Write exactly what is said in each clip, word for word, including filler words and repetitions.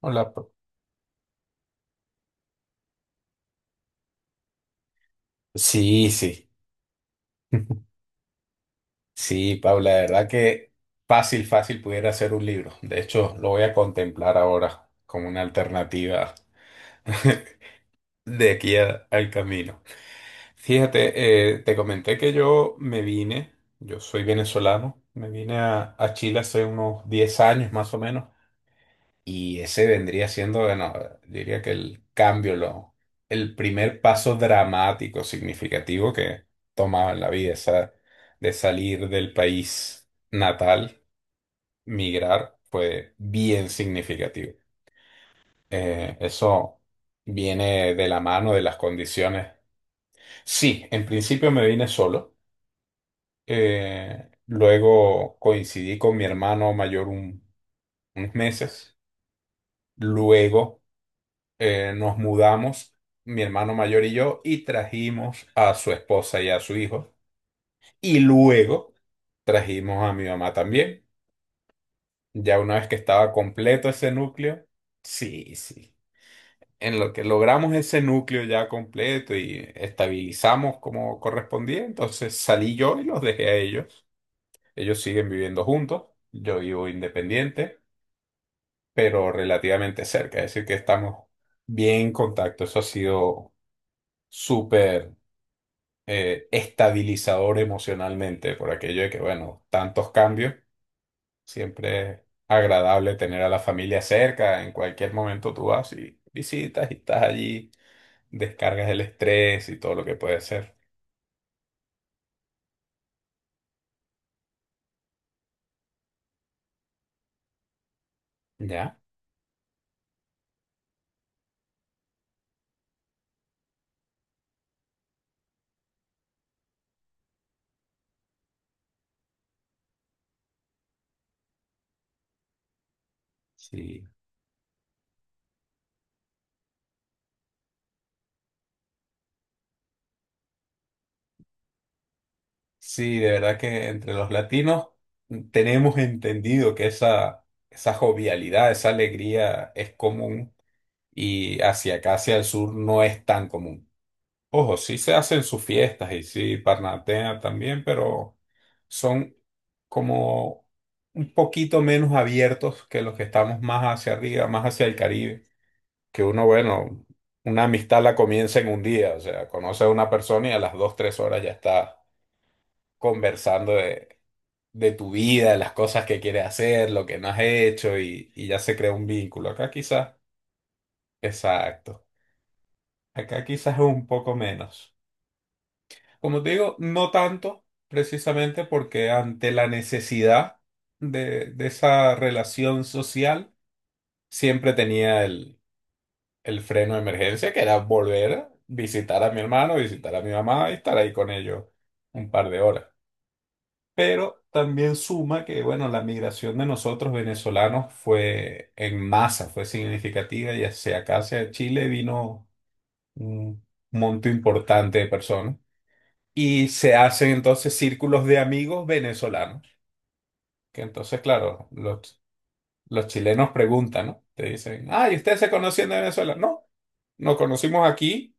Hola, Pa- Sí, sí. Sí, Paula, la verdad que fácil, fácil pudiera hacer un libro. De hecho, lo voy a contemplar ahora como una alternativa de aquí a- al camino. Fíjate, eh, te comenté que yo me vine, yo soy venezolano, me vine a, a Chile hace unos diez años más o menos. Y ese vendría siendo, bueno, diría que el cambio, lo, el primer paso dramático, significativo que tomaba en la vida, esa, de salir del país natal, migrar, fue bien significativo. Eh, eso viene de la mano de las condiciones. Sí, en principio me vine solo. Eh, luego coincidí con mi hermano mayor un- unos meses. Luego eh, nos mudamos, mi hermano mayor y yo, y trajimos a su esposa y a su hijo. Y luego trajimos a mi mamá también. Ya una vez que estaba completo ese núcleo, sí, sí. En lo que logramos ese núcleo ya completo y estabilizamos como correspondía, entonces salí yo y los dejé a ellos. Ellos siguen viviendo juntos, yo vivo independiente, pero relativamente cerca, es decir, que estamos bien en contacto. Eso ha sido súper eh, estabilizador emocionalmente, por aquello de que, bueno, tantos cambios, siempre es agradable tener a la familia cerca, en cualquier momento tú vas y visitas y estás allí, descargas el estrés y todo lo que puede ser. ¿Ya? Sí. Sí, de verdad que entre los latinos tenemos entendido que esa, esa jovialidad, esa alegría es común y hacia acá, hacia el sur, no es tan común. Ojo, sí se hacen sus fiestas y sí parnatean también, pero son como un poquito menos abiertos que los que estamos más hacia arriba, más hacia el Caribe. Que uno, bueno, una amistad la comienza en un día, o sea, conoce a una persona y a las dos, tres horas ya está conversando de, de tu vida, de las cosas que quieres hacer, lo que no has hecho y, y ya se crea un vínculo. Acá quizás, exacto, acá quizás es un poco menos. Como te digo, no tanto, precisamente porque ante la necesidad de, de esa relación social, siempre tenía el, el freno de emergencia, que era volver a visitar a mi hermano, visitar a mi mamá y estar ahí con ellos un par de horas. Pero también suma que, bueno, la migración de nosotros venezolanos fue en masa, fue significativa y hacia acá, hacia Chile, vino un monto importante de personas. Y se hacen entonces círculos de amigos venezolanos. Que entonces, claro, los, los chilenos preguntan, ¿no? Te dicen, ah, ¿y ustedes se conocían de Venezuela? No, nos conocimos aquí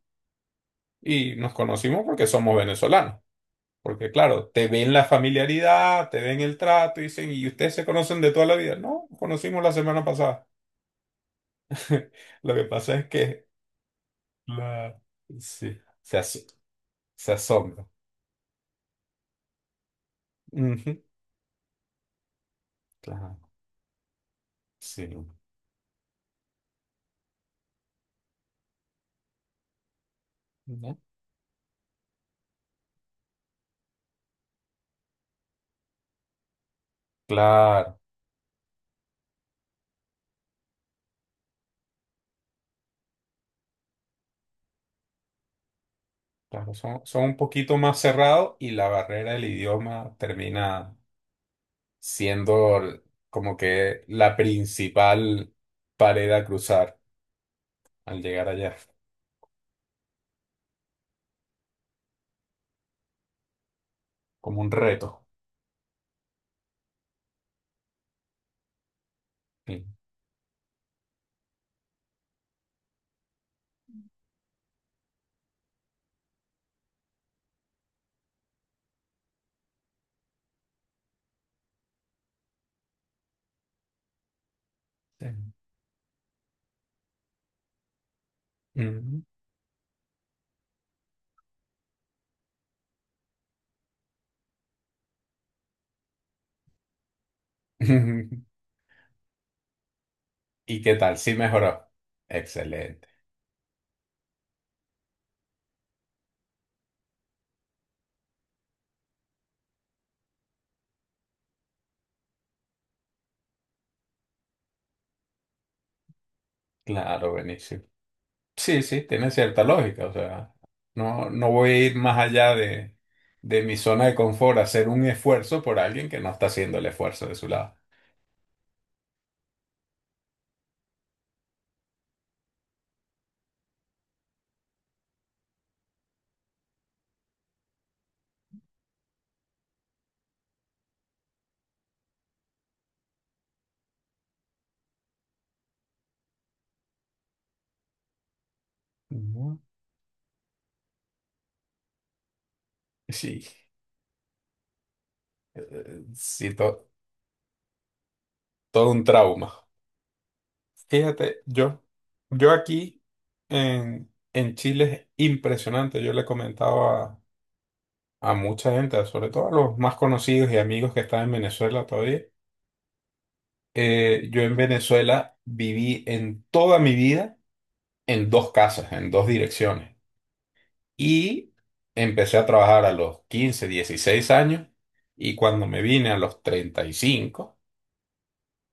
y nos conocimos porque somos venezolanos. Porque, claro, te ven la familiaridad, te ven el trato y dicen, ¿y ustedes se conocen de toda la vida? No, nos conocimos la semana pasada. Lo que pasa es que la... sí, se, as- se asombra. Ujú. Claro, sí. ¿No? Claro. Claro, son, son un poquito más cerrados y la barrera del idioma termina siendo l- como que la principal pared a cruzar al llegar allá, como un reto. Sí. Sí. Ujú. ¿Y qué tal? Sí, mejoró. Excelente. Claro, buenísimo. Sí, sí, tiene cierta lógica. O sea, no, no voy a ir más allá de, de mi zona de confort, a hacer un esfuerzo por alguien que no está haciendo el esfuerzo de su lado. Ujú. Sí. Eh, Sí, to- todo un trauma. Fíjate, yo, yo aquí en, en Chile es impresionante. Yo le comentaba a, a mucha gente, sobre todo a los más conocidos y amigos que están en Venezuela todavía. Eh, yo en Venezuela viví en toda mi vida en dos casas, en dos direcciones. Y empecé a trabajar a los quince dieciséis años y cuando me vine a los treinta y cinco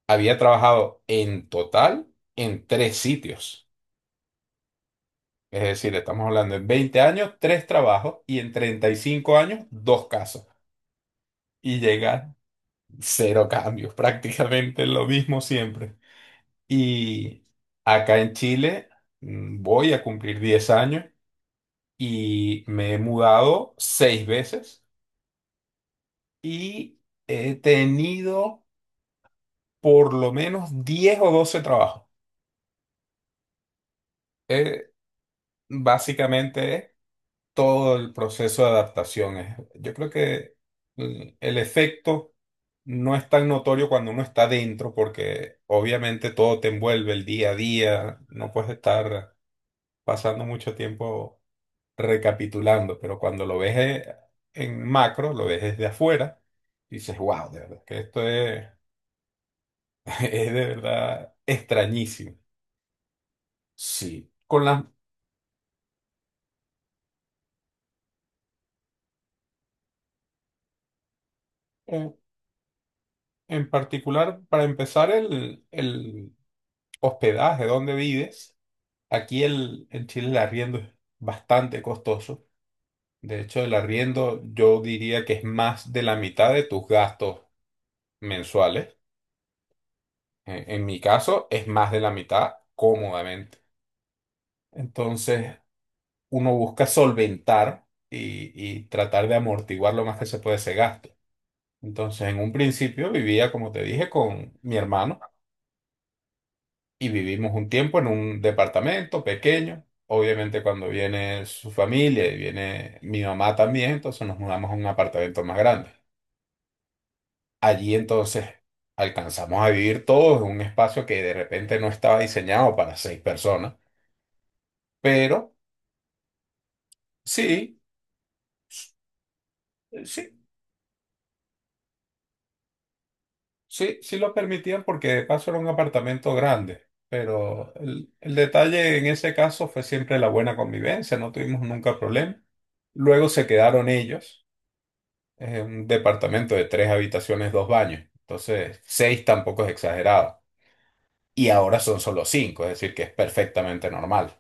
había trabajado en total en tres sitios. Es decir, estamos hablando en veinte años, tres trabajos y en treinta y cinco años, dos casos. Y llegan cero cambios, prácticamente lo mismo siempre. Y acá en Chile, mm, voy a cumplir diez años y me he mudado seis veces y he tenido por lo menos diez o doce trabajos. Eh, básicamente todo el proceso de adaptación. Es- Yo creo que el el efecto no es tan notorio cuando uno está dentro, porque obviamente todo te envuelve el día a día, no puedes estar pasando mucho tiempo recapitulando, pero cuando lo ves eh, en macro, lo ves desde afuera, dices, wow, de verdad, que esto es, es de verdad extrañísimo. Sí. Con las, en en particular, para empezar, el, el hospedaje, donde vives. Aquí el, en Chile el arriendo es bastante costoso. De hecho, el arriendo yo diría que es más de la mitad de tus gastos mensuales. En, en mi caso, es más de la mitad cómodamente. Entonces, uno busca solventar y, y tratar de amortiguar lo más que se puede ese gasto. Entonces, en un principio vivía, como te dije, con mi hermano. Y vivimos un tiempo en un departamento pequeño. Obviamente cuando viene su familia y viene mi mamá también, entonces nos mudamos a un apartamento más grande. Allí entonces alcanzamos a vivir todos en un espacio que de repente no estaba diseñado para seis personas, pero sí, sí, sí, sí lo permitían porque de paso era un apartamento grande. Pero el, el detalle en ese caso fue siempre la buena convivencia, no tuvimos nunca problema. Luego se quedaron ellos. Es un departamento de tres habitaciones, dos baños. Entonces, seis tampoco es exagerado. Y ahora son solo cinco, es decir, que es perfectamente normal.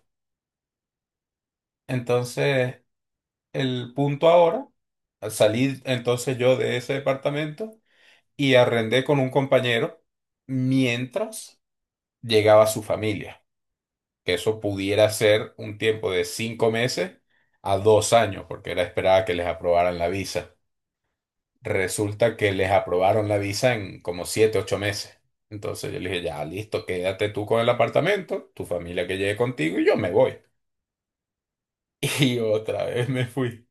Entonces, el punto ahora, salí entonces yo de ese departamento y arrendé con un compañero mientras llegaba su familia, que eso pudiera ser un tiempo de cinco meses a dos años, porque era esperada que les aprobaran la visa. Resulta que les aprobaron la visa en como siete, ocho meses. Entonces yo le dije, ya, listo, quédate tú con el apartamento, tu familia que llegue contigo y yo me voy. Y otra vez me fui.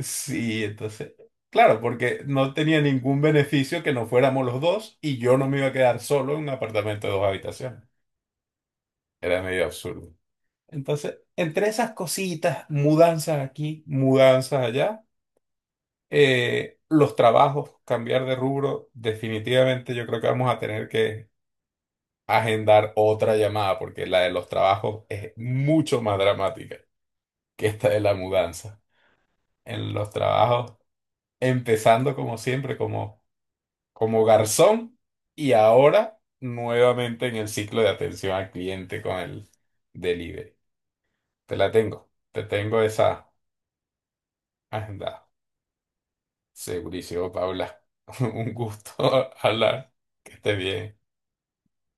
Sí, entonces, claro, porque no tenía ningún beneficio que no fuéramos los dos y yo no me iba a quedar solo en un apartamento de dos habitaciones. Era medio absurdo. Entonces, entre esas cositas, mudanzas aquí, mudanzas allá. eh, los trabajos, cambiar de rubro, definitivamente yo creo que vamos a tener que agendar otra llamada porque la de los trabajos es mucho más dramática que esta de la mudanza. En los trabajos, empezando como siempre, como, como garzón y ahora nuevamente en el ciclo de atención al cliente con el delivery. Te la tengo, te tengo esa agenda. Segurísimo, Paula. Un gusto hablar. Que esté bien.